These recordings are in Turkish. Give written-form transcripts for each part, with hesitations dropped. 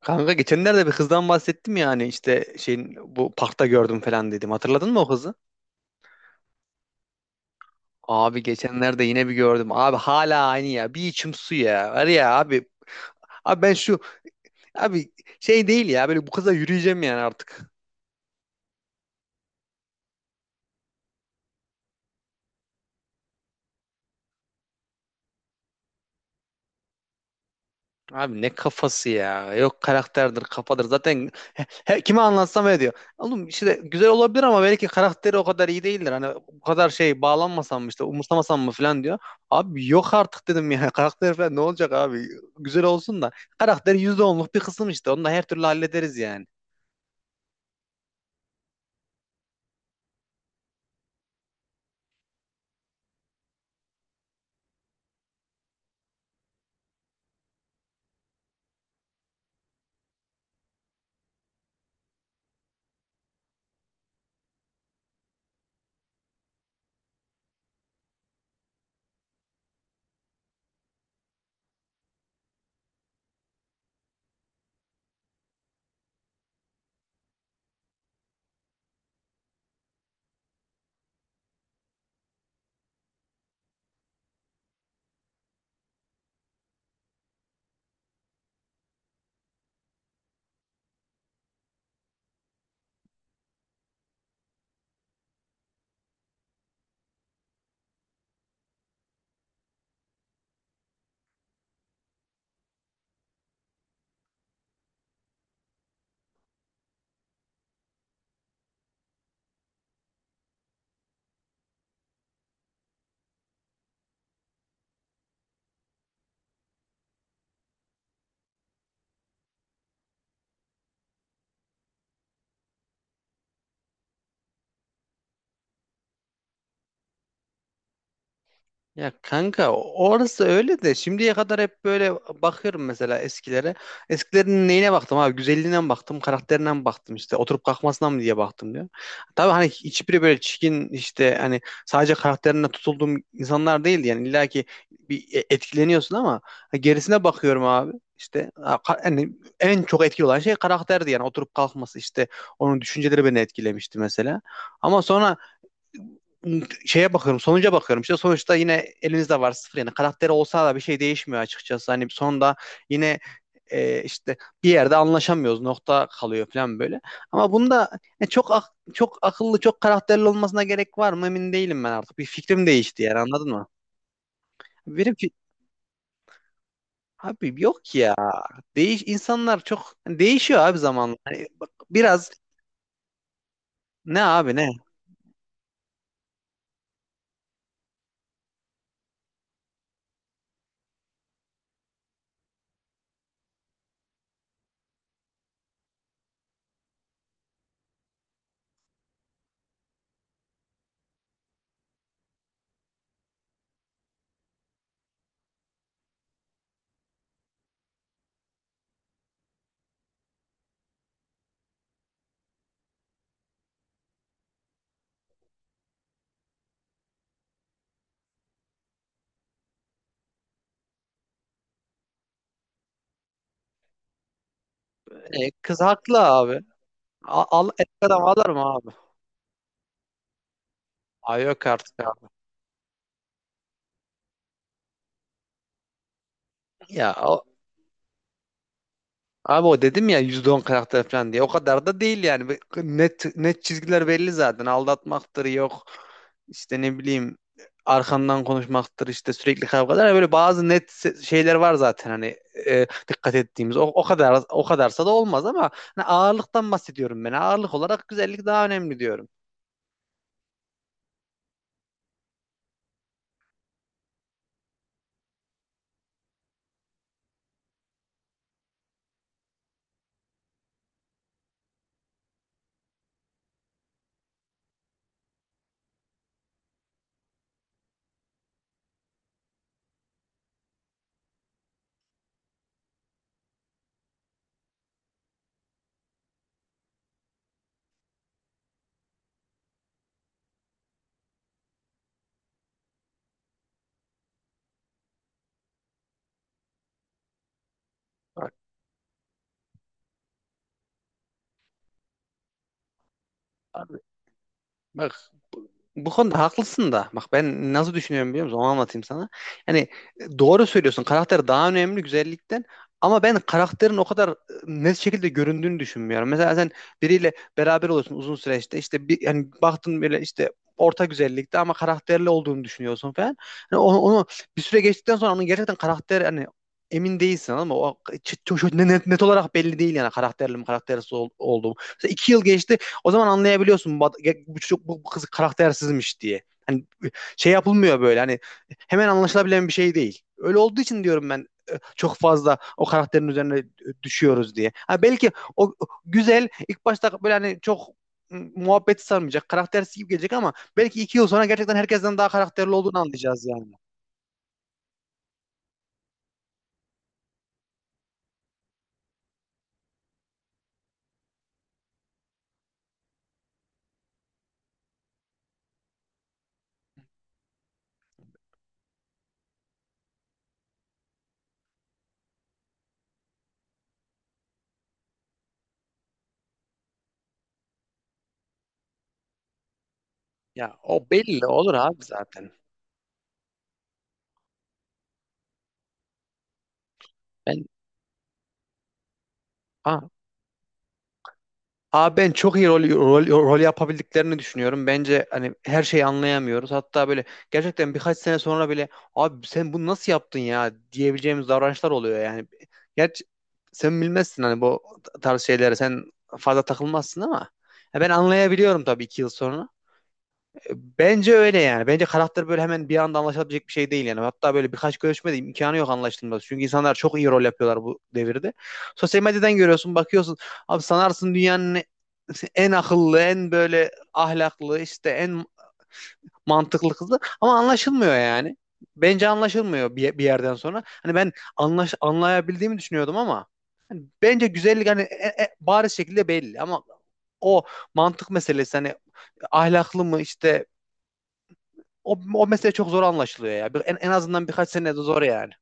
Kanka geçenlerde bir kızdan bahsettim ya, hani işte şeyin bu parkta gördüm falan dedim. Hatırladın mı o kızı? Abi geçenlerde yine bir gördüm. Abi hala aynı ya. Bir içim su ya. Var ya abi. Abi ben şu abi şey değil ya, böyle bu kıza yürüyeceğim yani artık. Abi ne kafası ya. Yok, karakterdir, kafadır. Zaten kime anlatsam öyle diyor. Oğlum, işte güzel olabilir ama belki karakteri o kadar iyi değildir. Hani bu kadar şey bağlanmasam mı, işte umursamasam mı falan diyor. Abi yok artık dedim ya. Karakter falan ne olacak abi? Güzel olsun da. Karakter yüzde onluk bir kısım işte. Onu da her türlü hallederiz yani. Ya kanka, orası öyle de şimdiye kadar hep böyle bakıyorum mesela eskilere. Eskilerin neyine baktım abi? Güzelliğine mi baktım, karakterine mi baktım, işte oturup kalkmasına mı diye baktım diyor. Tabii hani hiçbiri böyle çirkin, işte hani sadece karakterine tutulduğum insanlar değildi yani, illa ki bir etkileniyorsun ama gerisine bakıyorum abi. Yani en çok etkili olan şey karakterdi yani, oturup kalkması, işte onun düşünceleri beni etkilemişti mesela. Ama sonra şeye bakıyorum, sonuca bakıyorum. İşte sonuçta yine elinizde var sıfır yani. Karakteri olsa da bir şey değişmiyor açıkçası. Hani sonunda yine işte bir yerde anlaşamıyoruz. Nokta kalıyor falan böyle. Ama bunda çok akıllı, çok karakterli olmasına gerek var mı emin değilim ben artık. Bir fikrim değişti yani, anladın mı? Benim ki abi yok ki ya. Değiş insanlar çok hani değişiyor abi zamanla. Hani bak, biraz ne abi ne? E, kız haklı abi. Al, adam alır mı abi? Ay yok artık abi. Ya o- Abi o dedim ya, %10 karakter falan diye. O kadar da değil yani. Ve net net çizgiler belli zaten. Aldatmaktır yok. İşte ne bileyim, arkandan konuşmaktır, işte sürekli kavgalar. Yani böyle bazı şeyler var zaten hani dikkat ettiğimiz. O, o kadar o kadarsa da olmaz ama hani ağırlıktan bahsediyorum ben. Ağırlık olarak güzellik daha önemli diyorum. Bak abi, bak Bu konuda haklısın da. Bak, ben nasıl düşünüyorum, biliyor musun? Onu anlatayım sana. Yani, doğru söylüyorsun. Karakter daha önemli güzellikten. Ama ben karakterin o kadar net şekilde göründüğünü düşünmüyorum. Mesela sen biriyle beraber oluyorsun uzun süreçte. İşte bir, yani baktın böyle, işte orta güzellikte ama karakterli olduğunu düşünüyorsun falan. Yani onu bir süre geçtikten sonra onun gerçekten karakter hani emin değilsin ama o net olarak belli değil yani karakterli mi karaktersiz olduğum. Mesela 2 yıl geçti, o zaman anlayabiliyorsun bu, ad- bu, çocuk- bu bu kız karaktersizmiş diye. Hani şey yapılmıyor, böyle hani hemen anlaşılabilen bir şey değil. Öyle olduğu için diyorum ben, çok fazla o karakterin üzerine düşüyoruz diye. Ha belki o güzel ilk başta, böyle hani çok muhabbeti sarmayacak, karaktersiz gibi gelecek ama belki 2 yıl sonra gerçekten herkesten daha karakterli olduğunu anlayacağız yani. Ya o belli olur abi zaten. Ben ha, Abi ben çok iyi rol yapabildiklerini düşünüyorum. Bence hani her şeyi anlayamıyoruz. Hatta böyle gerçekten birkaç sene sonra bile abi sen bunu nasıl yaptın ya diyebileceğimiz davranışlar oluyor yani. Gerçi sen bilmezsin hani bu tarz şeylere sen fazla takılmazsın ama ya ben anlayabiliyorum tabii 2 yıl sonra. Bence öyle yani. Bence karakter böyle hemen bir anda anlaşılabilecek bir şey değil yani. Hatta böyle birkaç görüşmede imkanı yok anlaşılması. Çünkü insanlar çok iyi rol yapıyorlar bu devirde. Sosyal medyadan görüyorsun, bakıyorsun. Abi sanarsın dünyanın en akıllı, en böyle ahlaklı, işte en mantıklı kızı ama anlaşılmıyor yani. Bence anlaşılmıyor bir yerden sonra. Hani ben anlayabildiğimi düşünüyordum ama bence güzellik hani bariz şekilde belli ama o mantık meselesi, hani ahlaklı mı, işte o mesele çok zor anlaşılıyor ya. En azından birkaç sene de zor yani.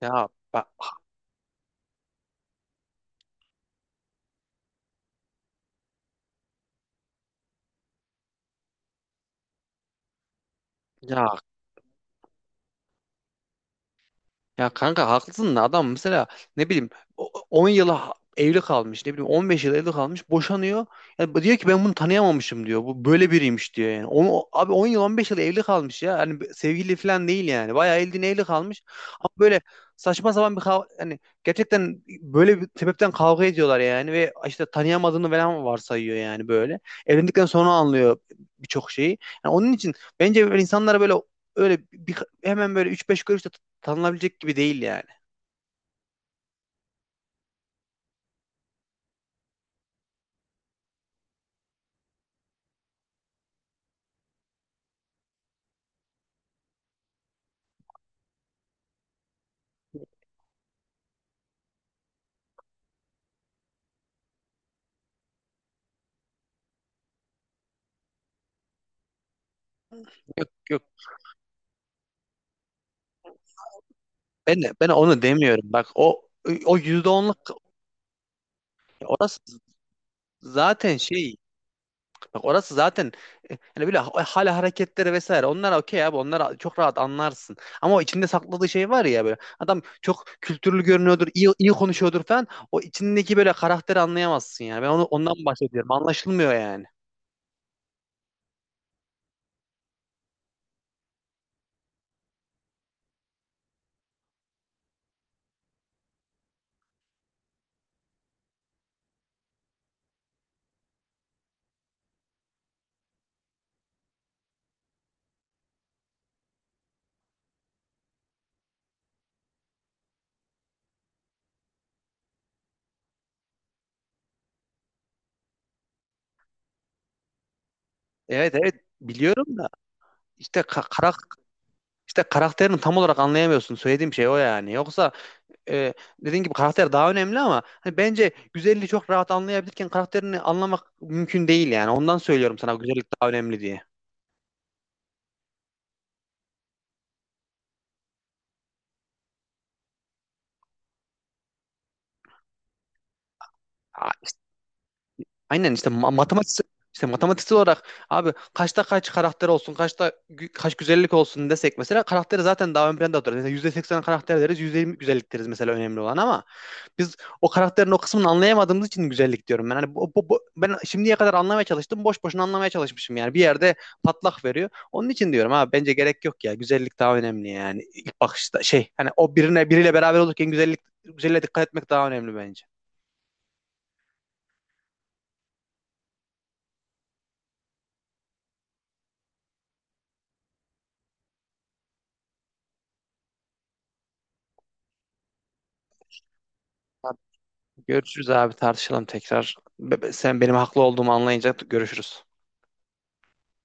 Ya bak, ya, ya kanka haklısın da adam mesela ne bileyim 10 yıla evli kalmış, ne bileyim 15 yıl evli kalmış, boşanıyor. Ya bu diyor ki, ben bunu tanıyamamışım diyor. Bu böyle biriymiş diyor yani. Abi 10 yıl, 15 yıl evli kalmış ya. Hani sevgili falan değil yani. Bayağı eldiğine evli kalmış. Ama böyle saçma sapan hani gerçekten böyle bir sebepten kavga ediyorlar yani ve işte tanıyamadığını falan varsayıyor yani böyle. Evlendikten sonra anlıyor birçok şeyi. Yani onun için bence böyle insanlara böyle öyle bir, hemen böyle 3-5 görüşte tanınabilecek gibi değil yani. Yok, ben onu demiyorum. Bak o yüzde onluk, orası zaten şey bak orası zaten hani böyle hala hareketleri vesaire, onlar okey abi, onlar çok rahat anlarsın. Ama o içinde sakladığı şey var ya, böyle adam çok kültürlü görünüyordur, iyi konuşuyordur falan. O içindeki böyle karakteri anlayamazsın yani. Ben onu ondan bahsediyorum. Anlaşılmıyor yani. Evet evet, biliyorum da işte karakterini tam olarak anlayamıyorsun. Söylediğim şey o yani. Yoksa e, dediğin gibi karakter daha önemli ama hani bence güzelliği çok rahat anlayabilirken karakterini anlamak mümkün değil yani. Ondan söylüyorum sana güzellik daha önemli diye. A- işte aynen işte ma- matematik işte matematiksel olarak abi kaçta kaç karakter olsun, kaç güzellik olsun desek mesela, karakteri zaten daha ön planda oturur. Mesela %80 karakter deriz, %20 güzellik deriz mesela önemli olan ama biz o karakterin o kısmını anlayamadığımız için güzellik diyorum ben. Hani ben şimdiye kadar anlamaya çalıştım. Boş boşuna anlamaya çalışmışım yani. Bir yerde patlak veriyor. Onun için diyorum abi, bence gerek yok ya. Güzellik daha önemli yani. İlk bakışta şey, hani o birine biriyle beraber olurken güzelliğe dikkat etmek daha önemli bence. Görüşürüz abi, tartışalım tekrar. Sen benim haklı olduğumu anlayınca görüşürüz.